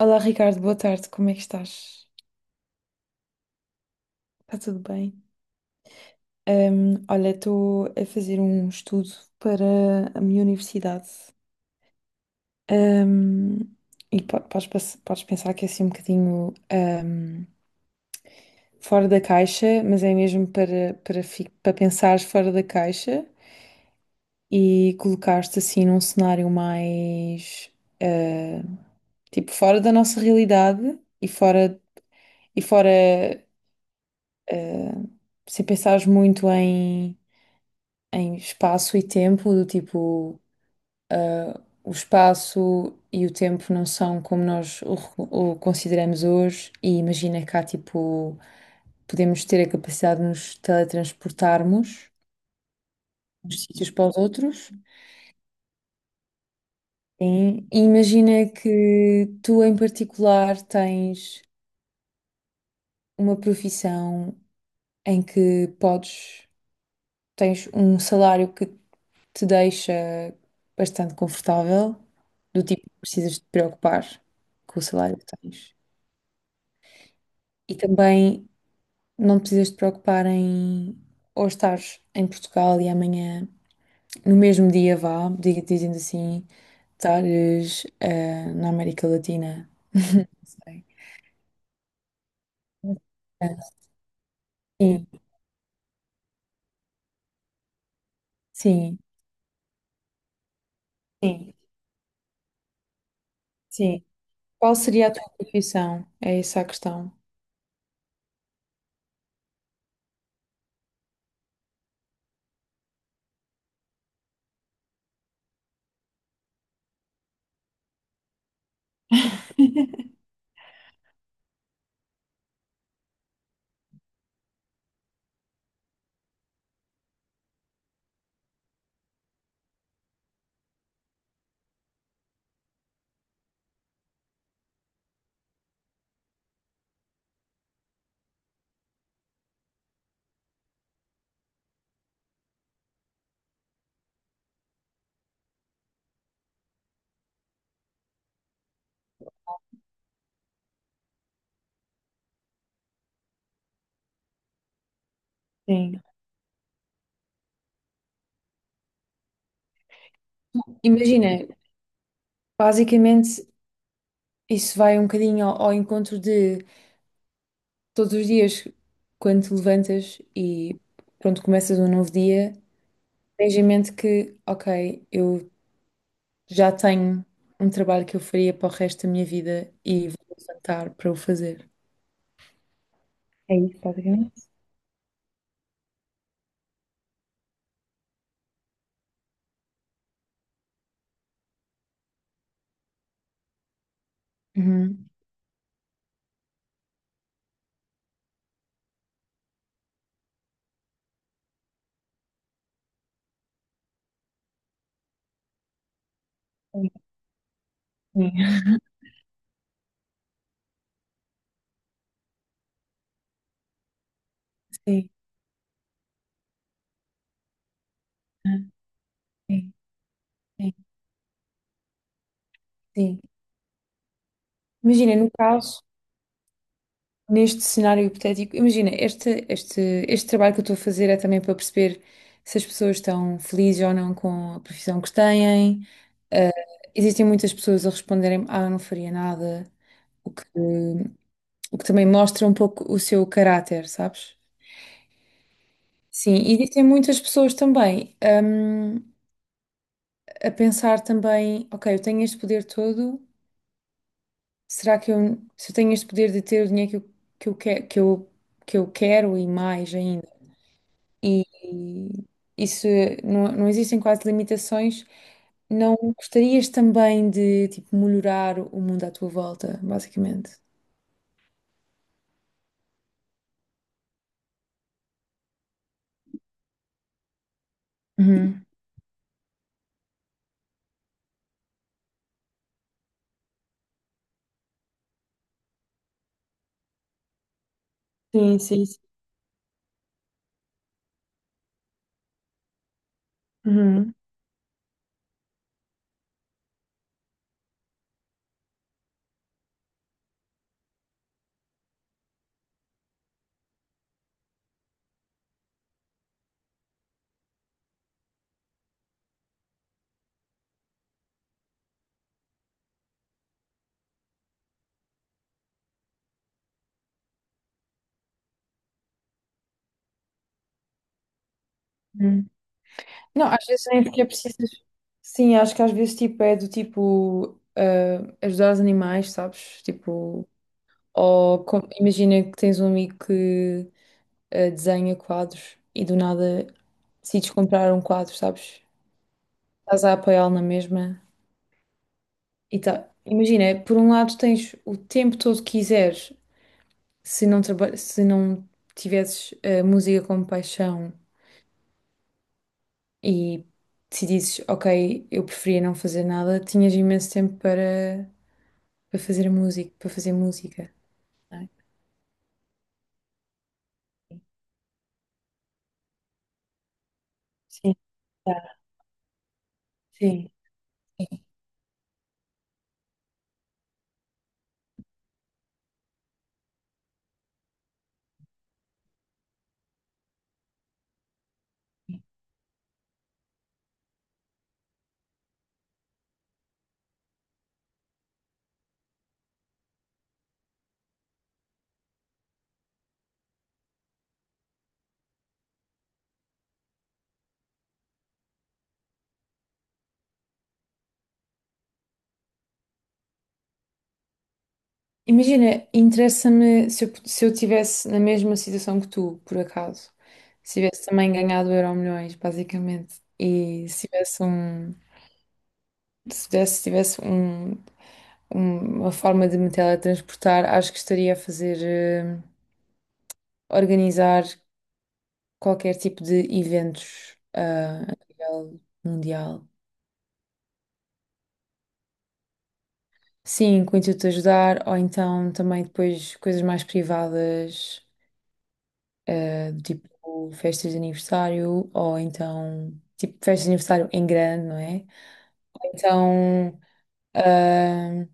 Olá Ricardo, boa tarde, como é que estás? Está tudo bem? Olha, estou a fazer um estudo para a minha universidade. Hum, e podes pensar que é assim um bocadinho fora da caixa, mas é mesmo para pensares fora da caixa e colocar-te assim num cenário mais ah, tipo fora da nossa realidade e fora ah, sem pensares muito em espaço e tempo, do tipo, ah, o espaço e o tempo não são como o consideramos hoje, e imagina cá, tipo, podemos ter a capacidade de nos teletransportarmos dos sítios para os outros. Sim. E imagina que tu, em particular, tens uma profissão em que podes, tens um salário que te deixa bastante confortável, do tipo que precisas te preocupar com o salário que tens. E também não te precisas te preocupar em ou estares em Portugal e amanhã, no mesmo dia vá, dizendo assim, estares na América Latina. Não sei. Ah, Sim, sim, sim, sim. Qual seria a tua profissão? É essa a questão. Sim. Imagina, basicamente. Isso vai um bocadinho ao, ao encontro de todos os dias, quando te levantas e pronto, começas um novo dia, tens em mente que, ok, eu já tenho um trabalho que eu faria para o resto da minha vida e vou levantar para o fazer. É isso, basicamente. Uhum. Sim, sim, sim, sim. Sim. Imagina, no caso. Neste cenário hipotético, imagina, este trabalho que eu estou a fazer é também para perceber se as pessoas estão felizes ou não com a profissão que têm. Ah, existem muitas pessoas a responderem, ah, eu não faria nada, o que, o que também mostra um pouco o seu caráter, sabes? Sim, e existem muitas pessoas também, a pensar também, ok, eu tenho este poder todo, será que eu, se eu tenho este poder de ter o dinheiro que eu, que eu, que que eu, que eu quero e mais ainda? E isso não, não existem quase limitações. Não gostarias também de tipo, melhorar o mundo à tua volta, basicamente? Uhum. Sim, sim, sim. Uhum, uhum. Não, às vezes nem sequer precisas. Sim, acho que às vezes tipo, é do tipo ah, ajudar os animais, sabes? Tipo, imagina que tens um amigo que ah, desenha quadros e do nada decides comprar um quadro, sabes? Estás a apoiá-lo na mesma. E tá, imagina, por um lado tens o tempo todo que quiseres, se se não tivesses a música como paixão e decidisses, ok, eu preferia não fazer nada, tinhas imenso tempo para fazer a música, para fazer música. Não é? Sim, tá. Sim. Imagina, interessa-me se eu tivesse na mesma situação que tu, por acaso, se tivesse também ganhado Euro milhões basicamente, e se tivesse um, se tivesse um uma forma de me teletransportar, acho que estaria a fazer, organizar qualquer tipo de eventos, ah, a nível mundial. Sim, com o intuito de ajudar, ou então também depois coisas mais privadas, do tipo festas de aniversário, ou então tipo festas de aniversário em grande, não é? Então, ah,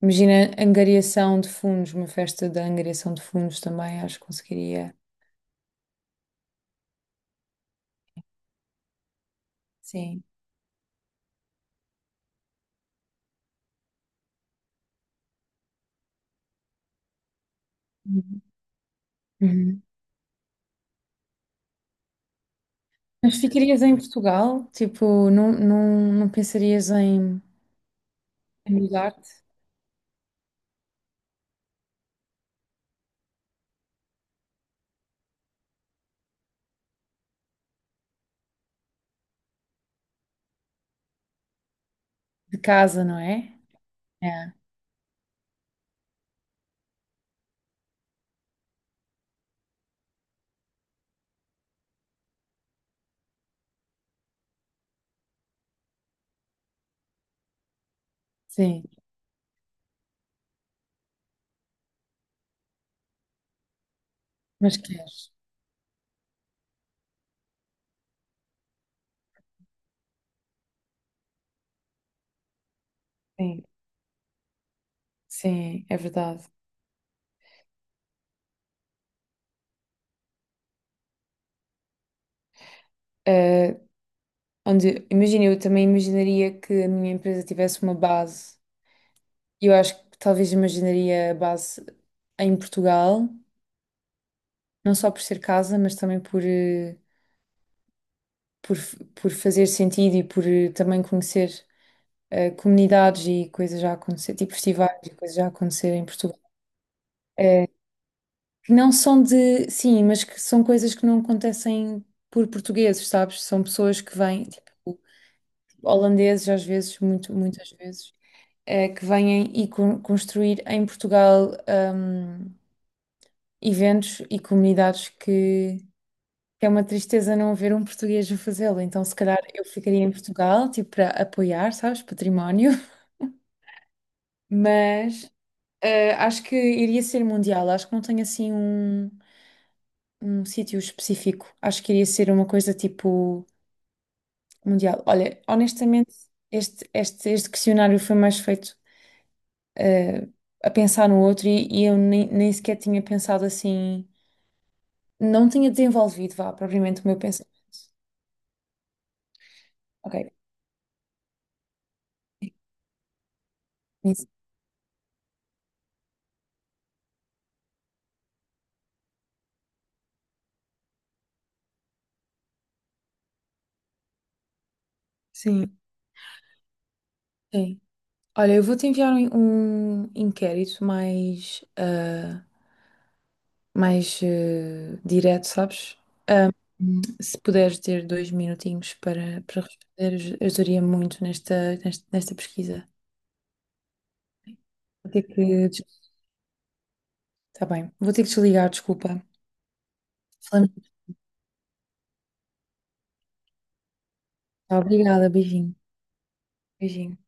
imagina angariação de fundos, uma festa da angariação de fundos também, acho que conseguiria. Sim. Uhum. Mas ficarias em Portugal? Tipo, não, não, não pensarias em em mudar-te de casa, não é? É, sim. Mas queres? Sim, sim, é verdade. Eh, onde, imagina, eu também imaginaria que a minha empresa tivesse uma base. Eu acho que talvez imaginaria a base em Portugal, não só por ser casa, mas também por fazer sentido e por também conhecer comunidades e coisas já a acontecer, tipo festivais e coisas já acontecerem em Portugal. Eh, que não são de, sim, mas que são coisas que não acontecem por portugueses, sabes? São pessoas que vêm, tipo, holandeses às vezes, muitas vezes, eh, que vêm e construir em Portugal, hum, eventos e comunidades que é uma tristeza não haver um português a fazê-lo. Então, se calhar eu ficaria em Portugal, tipo, para apoiar, sabes? Património, mas eh, acho que iria ser mundial, acho que não tenho assim um. Um sítio específico. Acho que iria ser uma coisa tipo mundial. Olha, honestamente, este questionário foi mais feito eh, a pensar no outro e eu nem, nem sequer tinha pensado assim, não tinha desenvolvido, vá, propriamente o meu pensamento. Ok, nisso. Sim. Sim. Olha, eu vou-te enviar um, um inquérito mais, ah, mais direto, sabes? Se puderes ter 2 minutinhos para responder, ajudaria muito nesta pesquisa. Vou ter que. Des- Tá bem, vou ter que desligar, desculpa. Falamos. Tá, obrigada, beijinho. Beijinho.